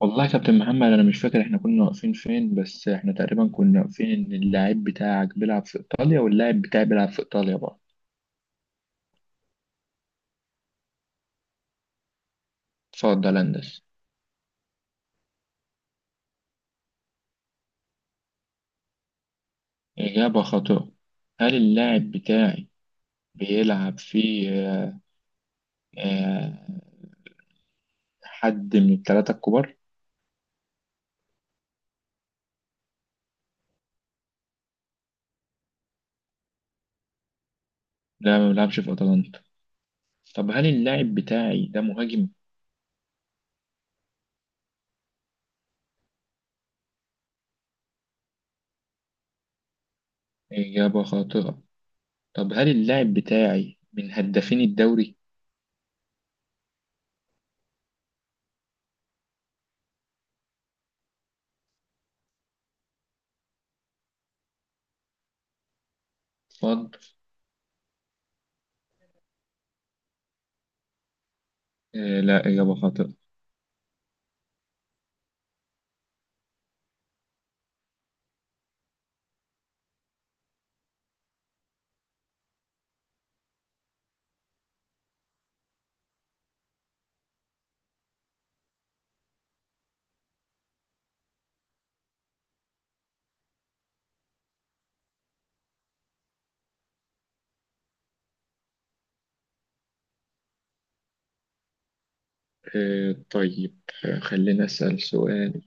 والله يا كابتن محمد، انا مش فاكر احنا كنا واقفين فين، بس احنا تقريبا كنا واقفين ان اللاعب بتاعك بيلعب في ايطاليا واللاعب بتاعي بيلعب في ايطاليا برضه. اتفضل هندسة. اجابة خاطئة. هل اللاعب بتاعي بيلعب في آه، حد من الثلاثة الكبار؟ لا، ما بيلعبش في اتلانتا. طب هل اللاعب بتاعي ده مهاجم؟ اجابة خاطئة. طب هل اللاعب بتاعي من هدافين الدوري؟ اتفضل. لا، اجابة خاطئة. خلينا أسأل سؤال.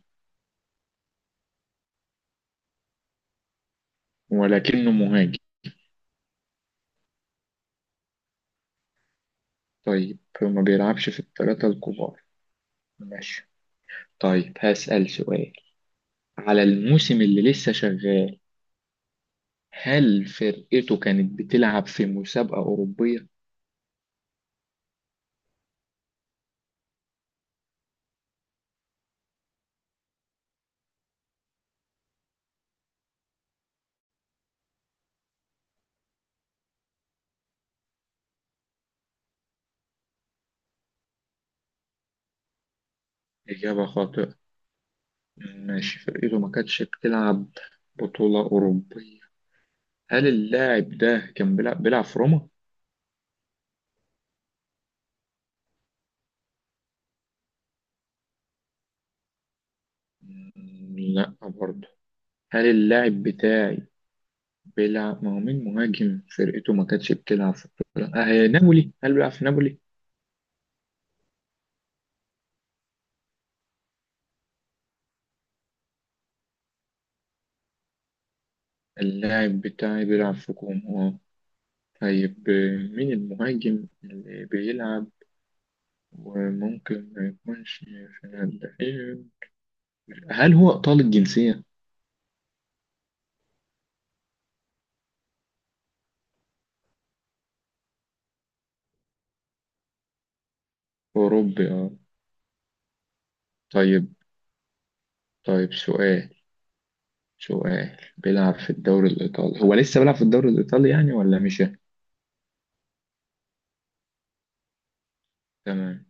ولكنه مهاجم. طيب ما بيلعبش في الثلاثة الكبار. ماشي. طيب هسأل سؤال على الموسم اللي لسه شغال: هل فرقته كانت بتلعب في مسابقة أوروبية؟ إجابة خاطئة. ماشي، فرقته ما كانتش بتلعب بطولة أوروبية. هل اللاعب ده كان بيلعب في روما؟ لا برضه. هل اللاعب بتاعي بيلعب، ما هو مين مهاجم فرقته ما كانتش بتلعب في البطولة؟ آه، نابولي، هل بيلعب في نابولي؟ اللاعب بتاعي بيلعب في كوم، اه. طيب مين المهاجم اللي بيلعب وممكن ما يكونش في الهلال؟ هل هو إيطالي الجنسية؟ أوروبي، اه. طيب. طيب سؤال سؤال: بيلعب في الدوري الإيطالي، هو لسه بيلعب في الدوري الإيطالي يعني ولا مش؟ تمام.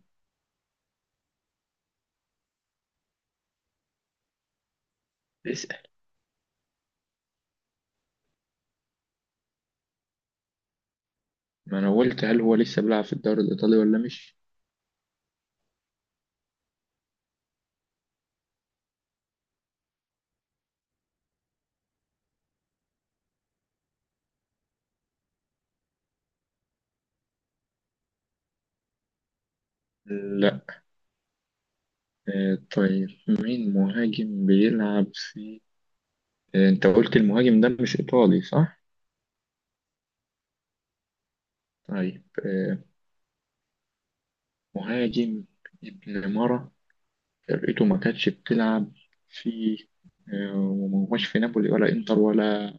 اسأل. ما أنا قلت، هل هو لسه بيلعب في الدوري الإيطالي ولا مش؟ لا. طيب مين مهاجم بيلعب في أنت قلت المهاجم ده مش إيطالي صح؟ طيب مهاجم ابن مرة، فرقته ما كانتش بتلعب في وما هوش في نابولي ولا انتر ولا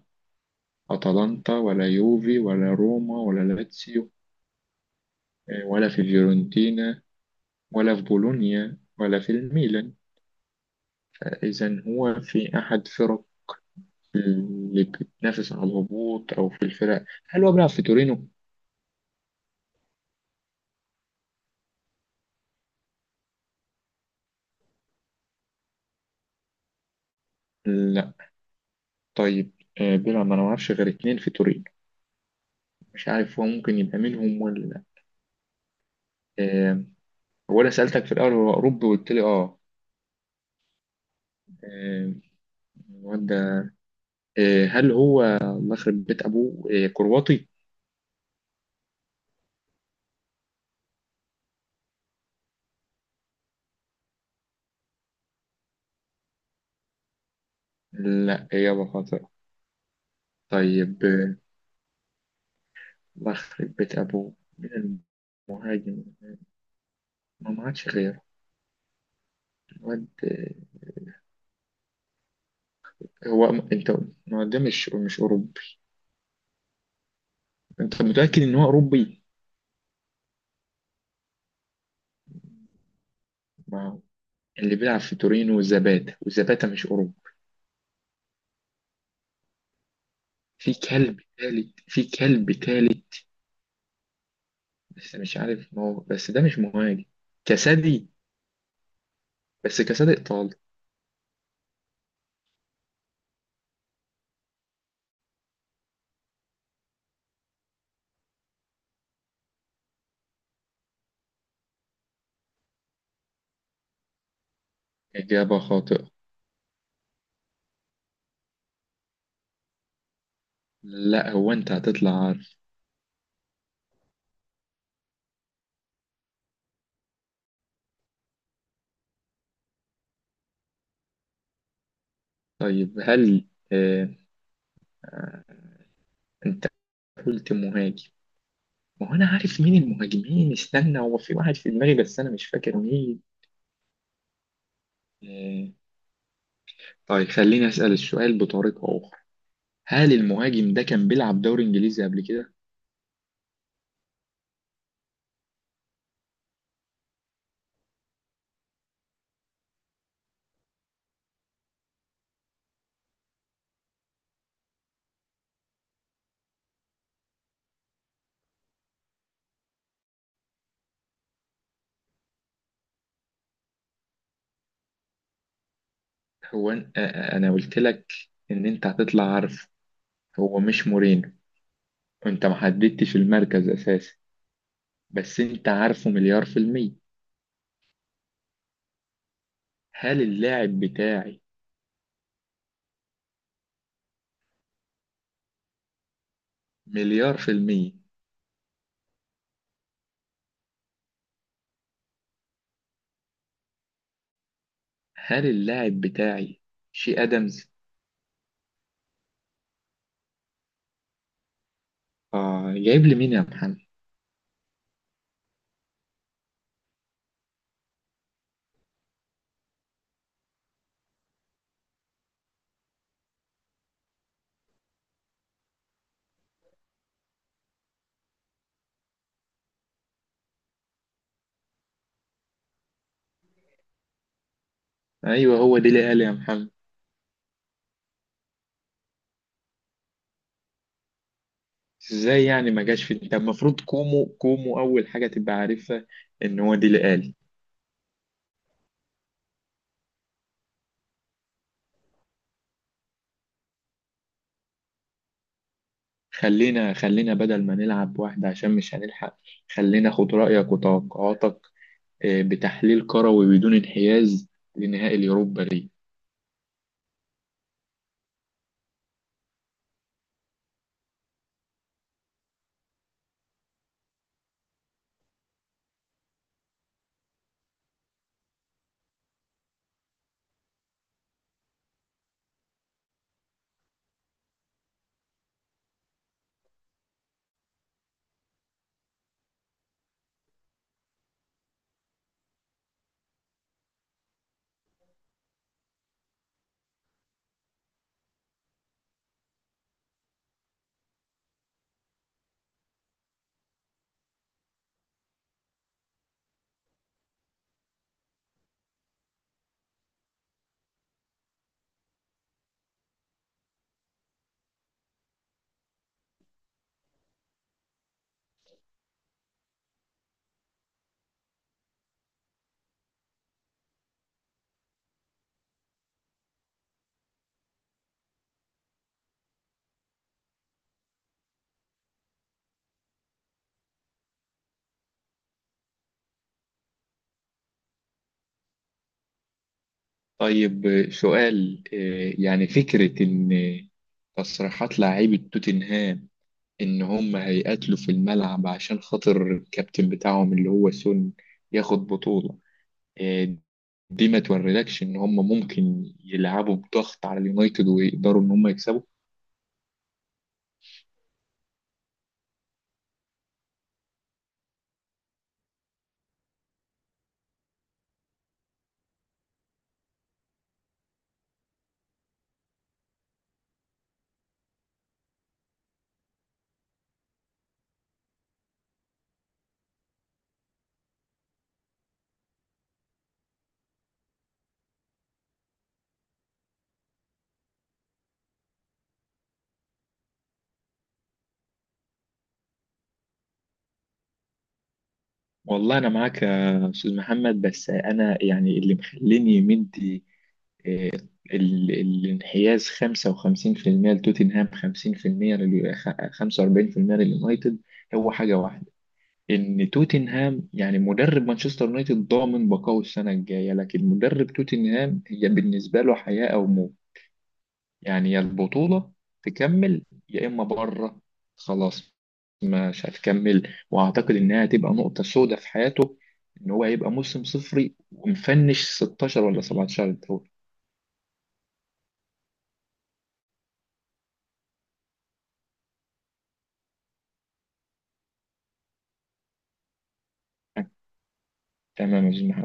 اتلانتا ولا يوفي ولا روما ولا لاتسيو ولا في فيورنتينا ولا في بولونيا ولا في الميلان. إذا هو في أحد فرق اللي بتنافس على الهبوط أو في الفرق. هل هو بيلعب في تورينو؟ لا. طيب بيلعب، ما أنا معرفش غير اتنين في تورينو، مش عارف هو ممكن يبقى منهم ولا لا. آه، هو انا سألتك في الأول هو أوروبي وقلت لي آه. آه، الواد ده، هل هو الله يخرب بيت أبوه كرواتي؟ لا، إجابة خاطئة. طيب الله يخرب بيت أبوه، مين المهاجم؟ ما ما عادش غير الواد، هو أنت، ما هو ده مش أوروبي، أنت متأكد إن هو أوروبي؟ ما هو اللي بيلعب في تورينو زباتا، وزباتا مش أوروبي. في كلب تالت، في كلب تالت، بس مش عارف، ما هو بس ده مش مهاجم. كسادي؟ بس كصديق طالب. إجابة خاطئة. لا هو أنت هتطلع عارف. طيب هل آه، أنت قلت مهاجم، ما هو أنا عارف مين المهاجمين، استنى، هو في واحد في دماغي بس أنا مش فاكر مين. آه، طيب خليني أسأل السؤال بطريقة أخرى: هل المهاجم ده كان بيلعب دوري إنجليزي قبل كده؟ هو أن- آه، آه، أنا قلت لك إن أنت هتطلع عارف. هو مش مورينو، أنت ما حددتش المركز أساسا. بس أنت عارفه مليار في المية. هل اللاعب بتاعي، مليار في المية، هل اللاعب بتاعي شي أدمز؟ آه، جايب لي مين يا محمد؟ أيوه هو ديلي ألي يا محمد. إزاي يعني ما جاش في، أنت المفروض كومو أول حاجة تبقى عارفها إن هو ديلي ألي. خلينا بدل ما نلعب واحدة عشان مش هنلحق، خلينا خد رأيك وتوقعاتك بتحليل كروي بدون انحياز لنهائي اليوروبا ليج. طيب آه، سؤال آه، يعني فكرة إن تصريحات لاعيبة توتنهام ان هم هيقاتلوا في الملعب عشان خاطر الكابتن بتاعهم اللي هو سون ياخد بطولة، آه، دي ما توريلكش ان هم ممكن يلعبوا بضغط على اليونايتد ويقدروا ان هم يكسبوا؟ والله انا معاك يا استاذ محمد، بس انا يعني اللي مخليني مدي آه، الانحياز 55% لتوتنهام، 50% 45% لليونايتد، هو حاجة واحدة: ان توتنهام يعني مدرب مانشستر يونايتد ضامن بقائه السنه الجايه، لكن مدرب توتنهام هي بالنسبه له حياه او موت. يعني يا البطوله تكمل يا اما بره، خلاص، مش هتكمل، واعتقد انها هتبقى نقطه سوداء في حياته، ان هو هيبقى موسم صفري ومفنش 16 ولا 17 دوري. تمام يا أستاذ محمد.